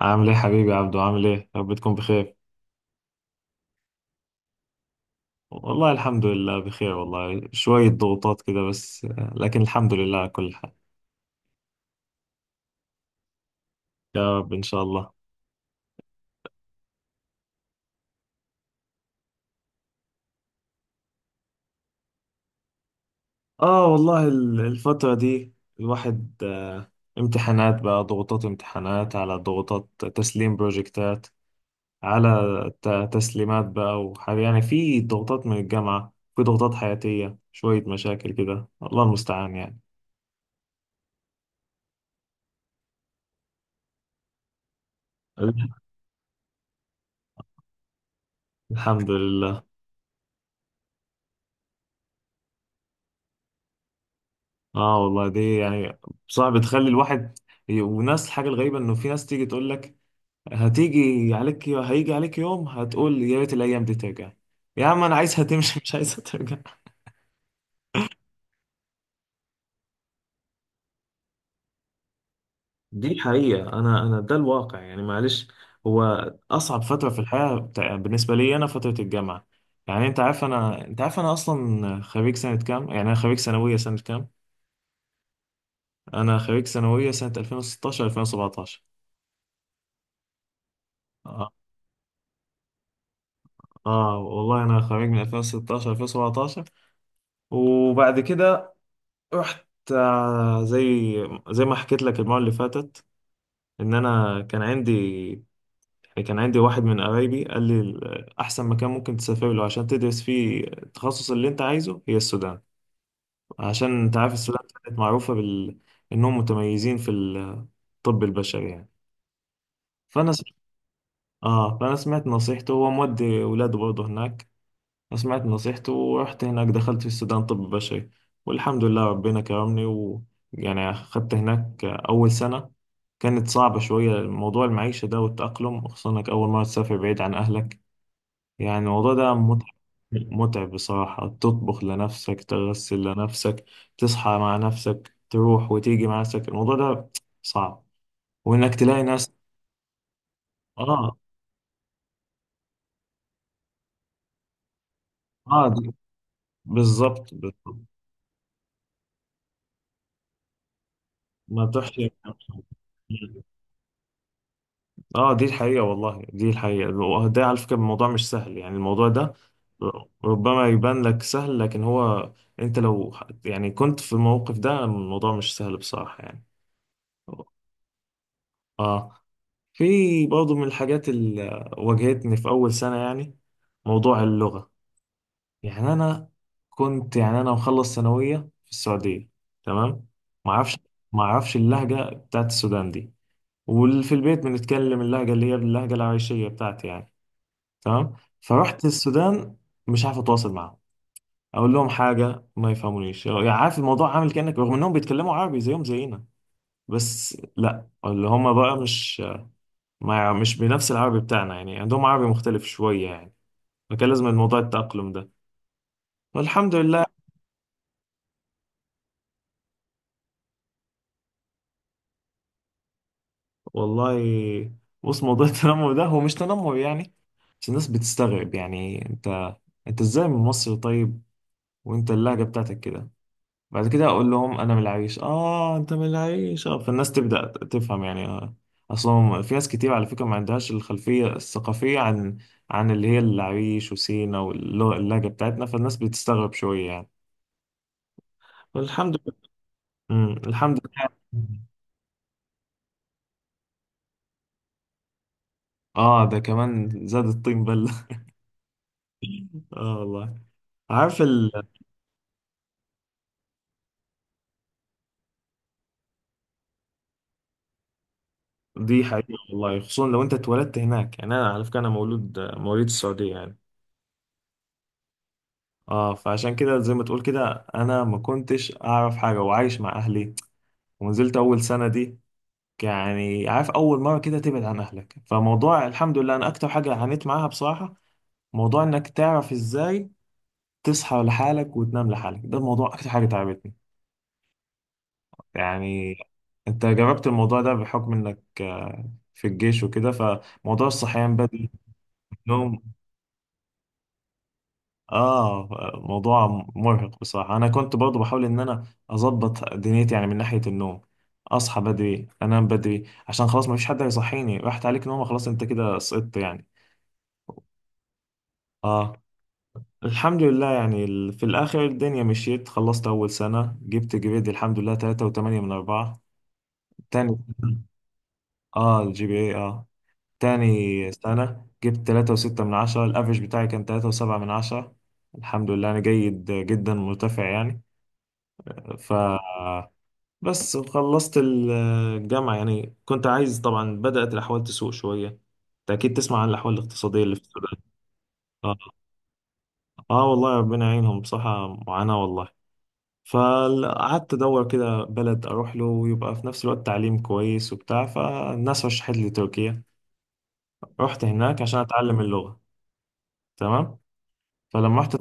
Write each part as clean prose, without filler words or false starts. عامل ايه حبيبي يا عبدو، عامل ايه يا رب تكون بخير. والله الحمد لله بخير، والله شوية ضغوطات كده بس لكن الحمد لله على كل حال. يا رب ان شاء الله. اه والله الفترة دي الواحد امتحانات بقى، ضغوطات امتحانات على ضغوطات، تسليم بروجكتات على تسليمات بقى وحاجة، يعني في ضغوطات من الجامعة، في ضغوطات حياتية، شوية مشاكل كده، الله المستعان يعني. الحمد لله. اه والله دي يعني بصراحة بتخلي الواحد وناس. الحاجة الغريبة انه في ناس تيجي تقول لك هتيجي عليك، هيجي عليك يوم هتقول يا ريت الايام دي ترجع. يا عم انا عايزها تمشي مش عايزها ترجع. دي حقيقة، انا ده الواقع يعني، معلش. هو اصعب فترة في الحياة بالنسبة لي انا فترة الجامعة. يعني انت عارف انا، انت عارف انا اصلا خريج سنة كام، يعني انا خريج ثانوية سنة كام. انا خريج ثانوية سنة 2016 2017. اه والله انا خريج من 2016 2017. وبعد كده رحت، زي ما حكيت لك المرة اللي فاتت، ان انا كان عندي، كان عندي واحد من قرايبي قال لي احسن مكان ممكن تسافر له عشان تدرس فيه التخصص اللي انت عايزه هي السودان. عشان انت عارف السودان كانت معروفة بال، انهم متميزين في الطب البشري يعني. فانا س... اه فانا سمعت نصيحته، هو مودي ولاده برضه هناك. سمعت نصيحته ورحت هناك، دخلت في السودان طب بشري. والحمد لله ربنا كرمني و، يعني أخدت هناك أول سنة. كانت صعبة شوية، موضوع المعيشة ده والتأقلم، خصوصا إنك أول مرة تسافر بعيد عن أهلك. يعني الموضوع ده متعب، متعب بصراحة. تطبخ لنفسك، تغسل لنفسك، تصحى مع نفسك، تروح وتيجي مع نفسك، الموضوع ده صعب. وإنك تلاقي ناس. آه آه دي- بالظبط ما بتحشي. اه دي الحقيقة والله، دي الحقيقة. وده على فكرة الموضوع مش سهل، يعني الموضوع ده ربما يبان لك سهل لكن هو انت يعني كنت في الموقف ده الموضوع مش سهل بصراحة يعني. اه في برضه من الحاجات اللي واجهتني في أول سنة، يعني موضوع اللغة. يعني أنا كنت، يعني أنا مخلص ثانوية في السعودية، تمام. معرفش معرفش اللهجة بتاعت السودان دي. وفي البيت بنتكلم اللهجة اللي هي اللهجة العايشية بتاعتي يعني، تمام. فرحت السودان مش عارف اتواصل معاهم، اقول لهم حاجه ما يفهمونيش. يعني عارف الموضوع عامل كانك، رغم انهم بيتكلموا عربي زيهم زينا، بس لا اللي هم بقى مش، ما يع- مش بنفس العربي بتاعنا يعني، عندهم عربي مختلف شويه يعني. فكان لازم الموضوع التأقلم ده، والحمد لله. والله بص موضوع التنمر ده هو مش تنمر يعني، بس الناس بتستغرب. يعني انت، انت ازاي من مصر؟ طيب وانت اللهجه بتاعتك كده. بعد كده اقول لهم انا من العريش، اه انت من العريش، اه فالناس تبدا تفهم يعني اصلا في ناس كتير على فكره ما عندهاش الخلفيه الثقافيه عن، عن اللي هي العريش وسينا واللهجه بتاعتنا، فالناس بتستغرب شويه يعني. والحمد لله. الحمد لله. اه ده كمان زاد الطين بله. اه والله. عارف ال... دي حقيقه. والله خصوصا لو انت اتولدت هناك، يعني انا على فكره انا مولود مواليد السعوديه يعني. اه فعشان كده زي ما تقول كده انا ما كنتش اعرف حاجه، وعايش مع اهلي، ونزلت اول سنه دي. يعني عارف اول مره كده تبعد عن اهلك، فموضوع الحمد لله انا اكتر حاجه عانيت معاها بصراحه، موضوع انك تعرف ازاي تصحى لحالك وتنام لحالك، ده الموضوع اكتر حاجه تعبتني يعني. انت جربت الموضوع ده بحكم انك في الجيش وكده، فموضوع الصحيان بدري، النوم. اه موضوع مرهق بصراحة. انا كنت برضو بحاول ان انا اظبط دنيتي يعني من ناحية النوم، اصحى بدري انام بدري عشان خلاص ما فيش حد هيصحيني، راحت عليك نومة خلاص انت كده سقطت يعني. اه الحمد لله يعني في الاخر الدنيا مشيت، خلصت اول سنة جبت جريد الحمد لله 3.8 من 4. تاني، اه الجي بي اي اه، تاني سنة جبت 3.6 من 10، الافرج بتاعي كان 3.7 من 10. الحمد لله انا جيد جدا مرتفع يعني. ف بس خلصت الجامعة، يعني كنت عايز طبعا، بدأت الأحوال تسوء شوية. أنت أكيد تسمع عن الأحوال الاقتصادية اللي في السودان. آه. آه والله ربنا يعينهم بصراحة، معاناة والله. فقعدت أدور كده بلد أروح له ويبقى في نفس الوقت تعليم كويس وبتاع، فالناس رشحت لي تركيا. رحت هناك عشان أتعلم اللغة، تمام. فلما رحت،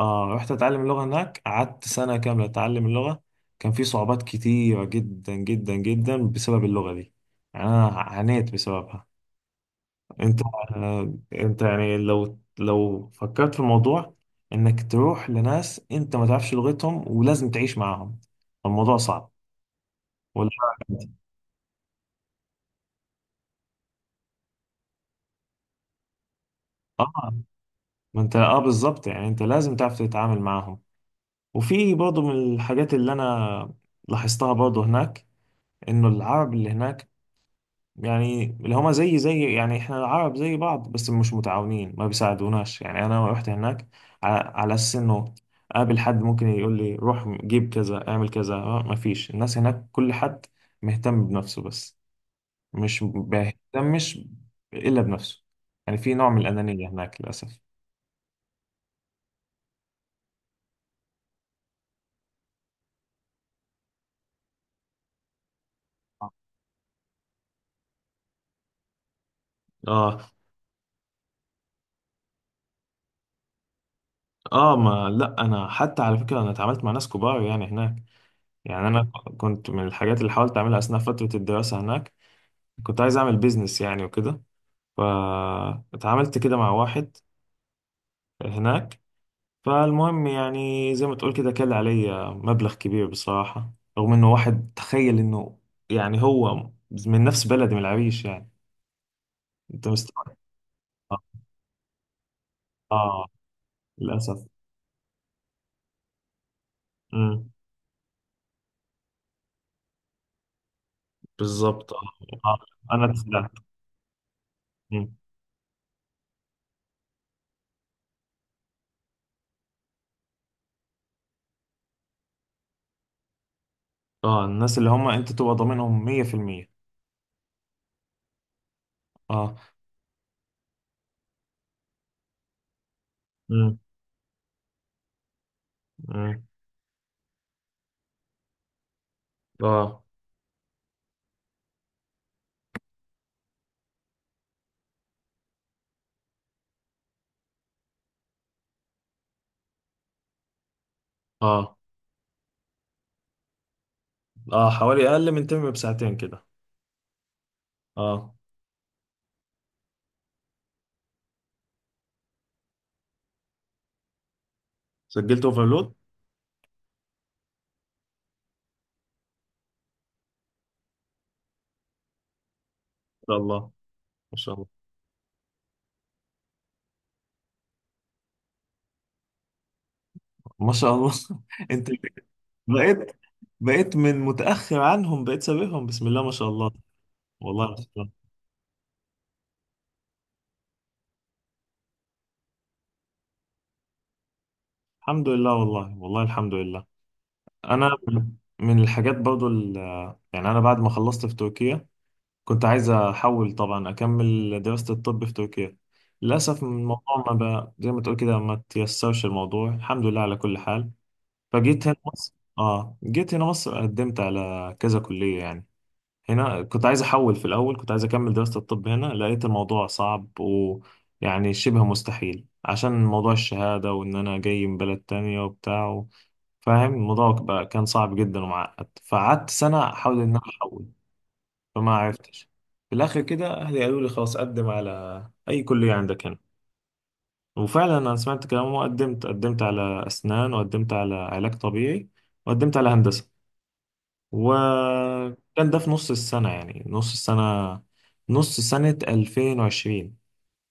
آه رحت أتعلم اللغة هناك، قعدت سنة كاملة أتعلم اللغة. كان في صعوبات كتيرة جدا جدا جدا بسبب اللغة دي، يعني أنا عانيت بسببها. انت انت يعني لو فكرت في الموضوع، انك تروح لناس انت ما تعرفش لغتهم ولازم تعيش معاهم، الموضوع صعب ولا؟ اه ما انت اه بالظبط، يعني انت لازم تعرف تتعامل معاهم. وفي برضه من الحاجات اللي انا لاحظتها برضه هناك، انه العرب اللي هناك، يعني اللي هما زي يعني احنا العرب زي بعض بس مش متعاونين، ما بيساعدوناش. يعني انا رحت هناك على اساس انه اقابل حد ممكن يقول لي روح جيب كذا اعمل كذا، ما فيش. الناس هناك كل حد مهتم بنفسه بس، مش بيهتمش الا بنفسه. يعني في نوع من الانانية هناك للاسف. اه. اه ما لا، انا حتى على فكرة انا اتعاملت مع ناس كبار يعني هناك. يعني انا كنت من الحاجات اللي حاولت اعملها اثناء فترة الدراسة هناك، كنت عايز اعمل بيزنس يعني وكده، فاتعاملت كده مع واحد هناك. فالمهم يعني زي ما تقول كده كل عليا مبلغ كبير بصراحة، رغم انه واحد تخيل انه، يعني هو من نفس بلدي من العريش يعني، انت مستوعب. اه آه، للأسف. امم بالظبط اه. آه، انا اتسلقت. أمم. اه الناس اللي هم انت تبقى ضامنهم 100%. اه. امم امم اه. اه اه حوالي اقل من تم بساعتين كده. اه سجلت اوفرلود. ان شاء الله شاء الله. ما شاء الله. انت بقيت، بقيت من متأخر عنهم بقيت سابقهم، بسم الله ما شاء الله. والله ما شاء الله. الحمد لله والله، والله الحمد لله. انا من الحاجات برضو يعني انا بعد ما خلصت في تركيا كنت عايز احول طبعا، اكمل دراسة الطب في تركيا، للاسف الموضوع ما بقى زي ما تقول كده، ما تيسرش الموضوع، الحمد لله على كل حال. فجيت هنا مصر، اه جيت هنا مصر قدمت على كذا كلية يعني. هنا كنت عايز احول، في الاول كنت عايز اكمل دراسة الطب هنا، لقيت الموضوع صعب ويعني شبه مستحيل عشان موضوع الشهادة، وان انا جاي من بلد تانية وبتاع فاهم. الموضوع بقى كان صعب جدا ومعقد، فقعدت سنة احاول ان انا احول فما عرفتش. في الاخر كده اهلي قالوا لي خلاص قدم على اي كلية عندك هنا. وفعلا انا سمعت كلامهم وقدمت، قدمت على اسنان وقدمت على علاج طبيعي وقدمت على هندسة. وكان ده في نص السنة، يعني نص السنة، نص سنة 2020،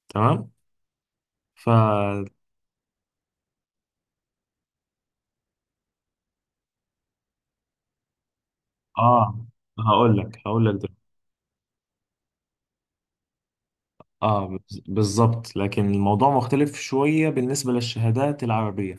تمام. ف اه هقول لك. اه بالظبط، لكن الموضوع مختلف شوية بالنسبة للشهادات العربية.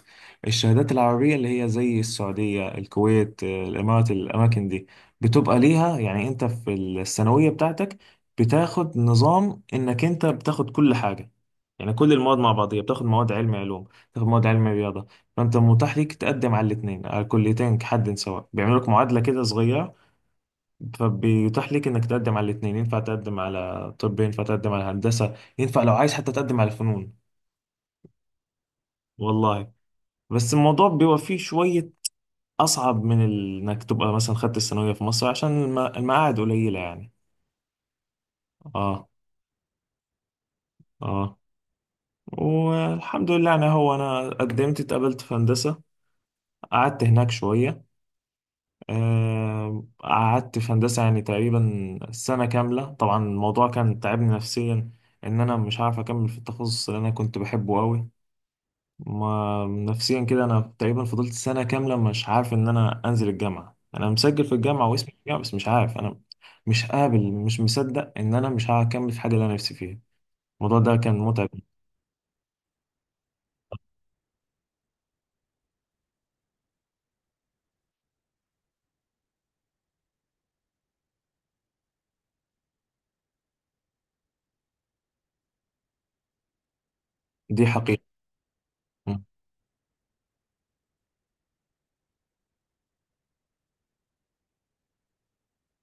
الشهادات العربية اللي هي زي السعودية، الكويت، الإمارات، الأماكن دي بتبقى ليها يعني، أنت في الثانوية بتاعتك بتاخد نظام إنك أنت بتاخد كل حاجة، يعني كل المواد مع بعضيها، بتاخد مواد علم علوم، بتاخد مواد علم رياضة. فأنت متاح ليك تقدم على الاتنين، على الكليتين كحد سواء، بيعملوا لك معادلة كده صغيرة، فبيتاح ليك انك تقدم على الاثنين، ينفع تقدم على طب، ينفع تقدم على هندسة، ينفع لو عايز حتى تقدم على فنون. والله بس الموضوع بيبقى فيه شوية اصعب من انك تبقى مثلا خدت الثانوية في مصر، عشان المقاعد قليلة يعني. اه. اه والحمد لله يعني، هو انا قدمت اتقبلت في هندسة. قعدت هناك شوية، قعدت في هندسة يعني تقريبا سنة كاملة. طبعا الموضوع كان تعبني نفسيا، ان انا مش عارف اكمل في التخصص اللي انا كنت بحبه قوي. ما نفسيا كده انا تقريبا فضلت سنه كامله مش عارف ان انا انزل الجامعه، انا مسجل في الجامعه واسمي في الجامعه بس مش عارف انا، مش قابل مش مصدق ان انا مش هكمل في الحاجه اللي انا نفسي فيها. الموضوع ده كان متعب. دي حقيقه. م.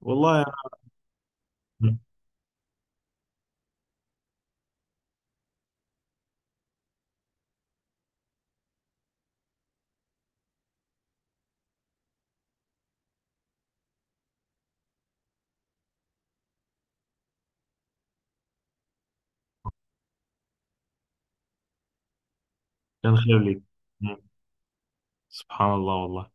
والله يعني كان خير ليك. م. سبحان الله والله.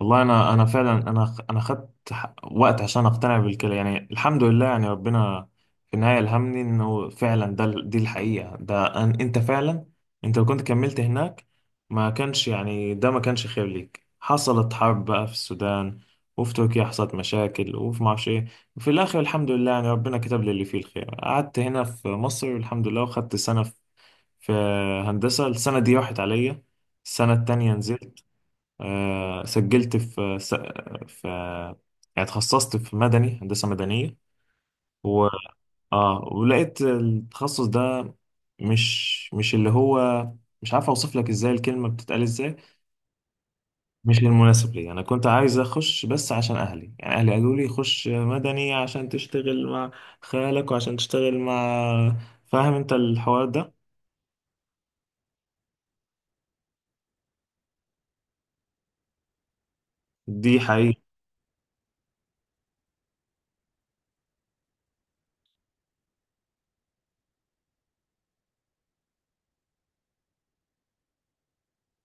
والله انا فعلا، انا خدت وقت عشان اقتنع بالكلام يعني. الحمد لله يعني ربنا في النهايه الهمني انه فعلا ده دي الحقيقه، ده أن انت فعلا انت لو كنت كملت هناك ما كانش يعني، ده ما كانش خير ليك. حصلت حرب بقى في السودان، وفي تركيا حصلت مشاكل، وفي ما اعرفش ايه. وفي الاخر الحمد لله يعني ربنا كتب لي اللي فيه الخير، قعدت هنا في مصر والحمد لله، وخدت سنه في، في هندسه، السنه دي راحت عليا. السنه التانيه نزلت، سجلت في في، يعني اتخصصت في مدني، هندسة مدنية. و اه ولقيت التخصص ده، مش مش اللي هو، مش عارف اوصف لك ازاي، الكلمة بتتقال ازاي، مش المناسب لي. انا كنت عايز اخش بس عشان اهلي، يعني اهلي قالوا لي خش مدني عشان تشتغل مع خالك، وعشان تشتغل مع، فاهم انت الحوار ده. دي حقيقة.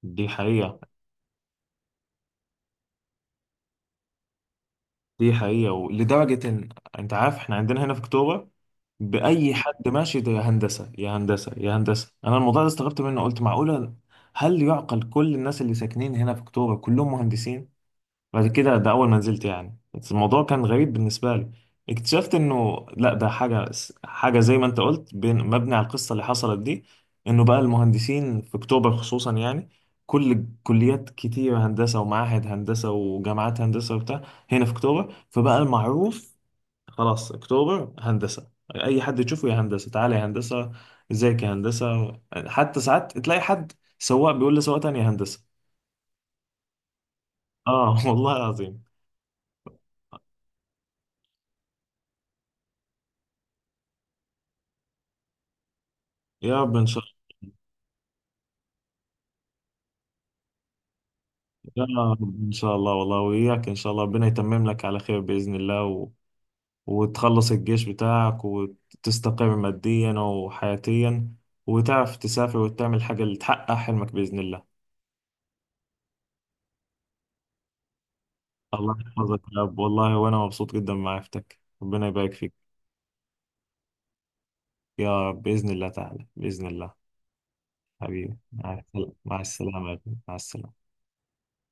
دي حقيقة. دي حقيقة. ولدرجة إن أنت عارف إحنا عندنا هنا في أكتوبر، بأي حد ماشي ده يا هندسة يا هندسة يا هندسة. أنا الموضوع ده استغربت منه، قلت معقولة؟ هل يعقل كل الناس اللي ساكنين هنا في أكتوبر كلهم مهندسين؟ بعد كده، ده أول ما نزلت يعني، بس الموضوع كان غريب بالنسبة لي، اكتشفت إنه لا ده حاجة، حاجة زي ما أنت قلت بين مبني على القصة اللي حصلت دي، إنه بقى المهندسين في أكتوبر خصوصا يعني، كل كليات كتير هندسة ومعاهد هندسة وجامعات هندسة وبتاع، هنا في أكتوبر، فبقى المعروف خلاص أكتوبر هندسة، أي حد يشوفه يا هندسة تعالى يا هندسة، ازيك يا هندسة، حتى ساعات تلاقي حد سواق بيقول لسواق تاني يا هندسة. اه والله العظيم. يا رب ان شاء. لا ان شاء الله والله، وإياك ان شاء الله، ربنا يتمم لك على خير بإذن الله وتخلص الجيش بتاعك وتستقر ماديا وحياتيا، وتعرف تسافر وتعمل حاجة اللي تحقق حلمك بإذن الله. الله يحفظك يا رب والله، وأنا مبسوط جدا بمعرفتك، ربنا يبارك فيك. يا رب بإذن الله تعالى، بإذن الله. حبيبي مع السلامة، مع السلامة يا ابني. مع السلامة.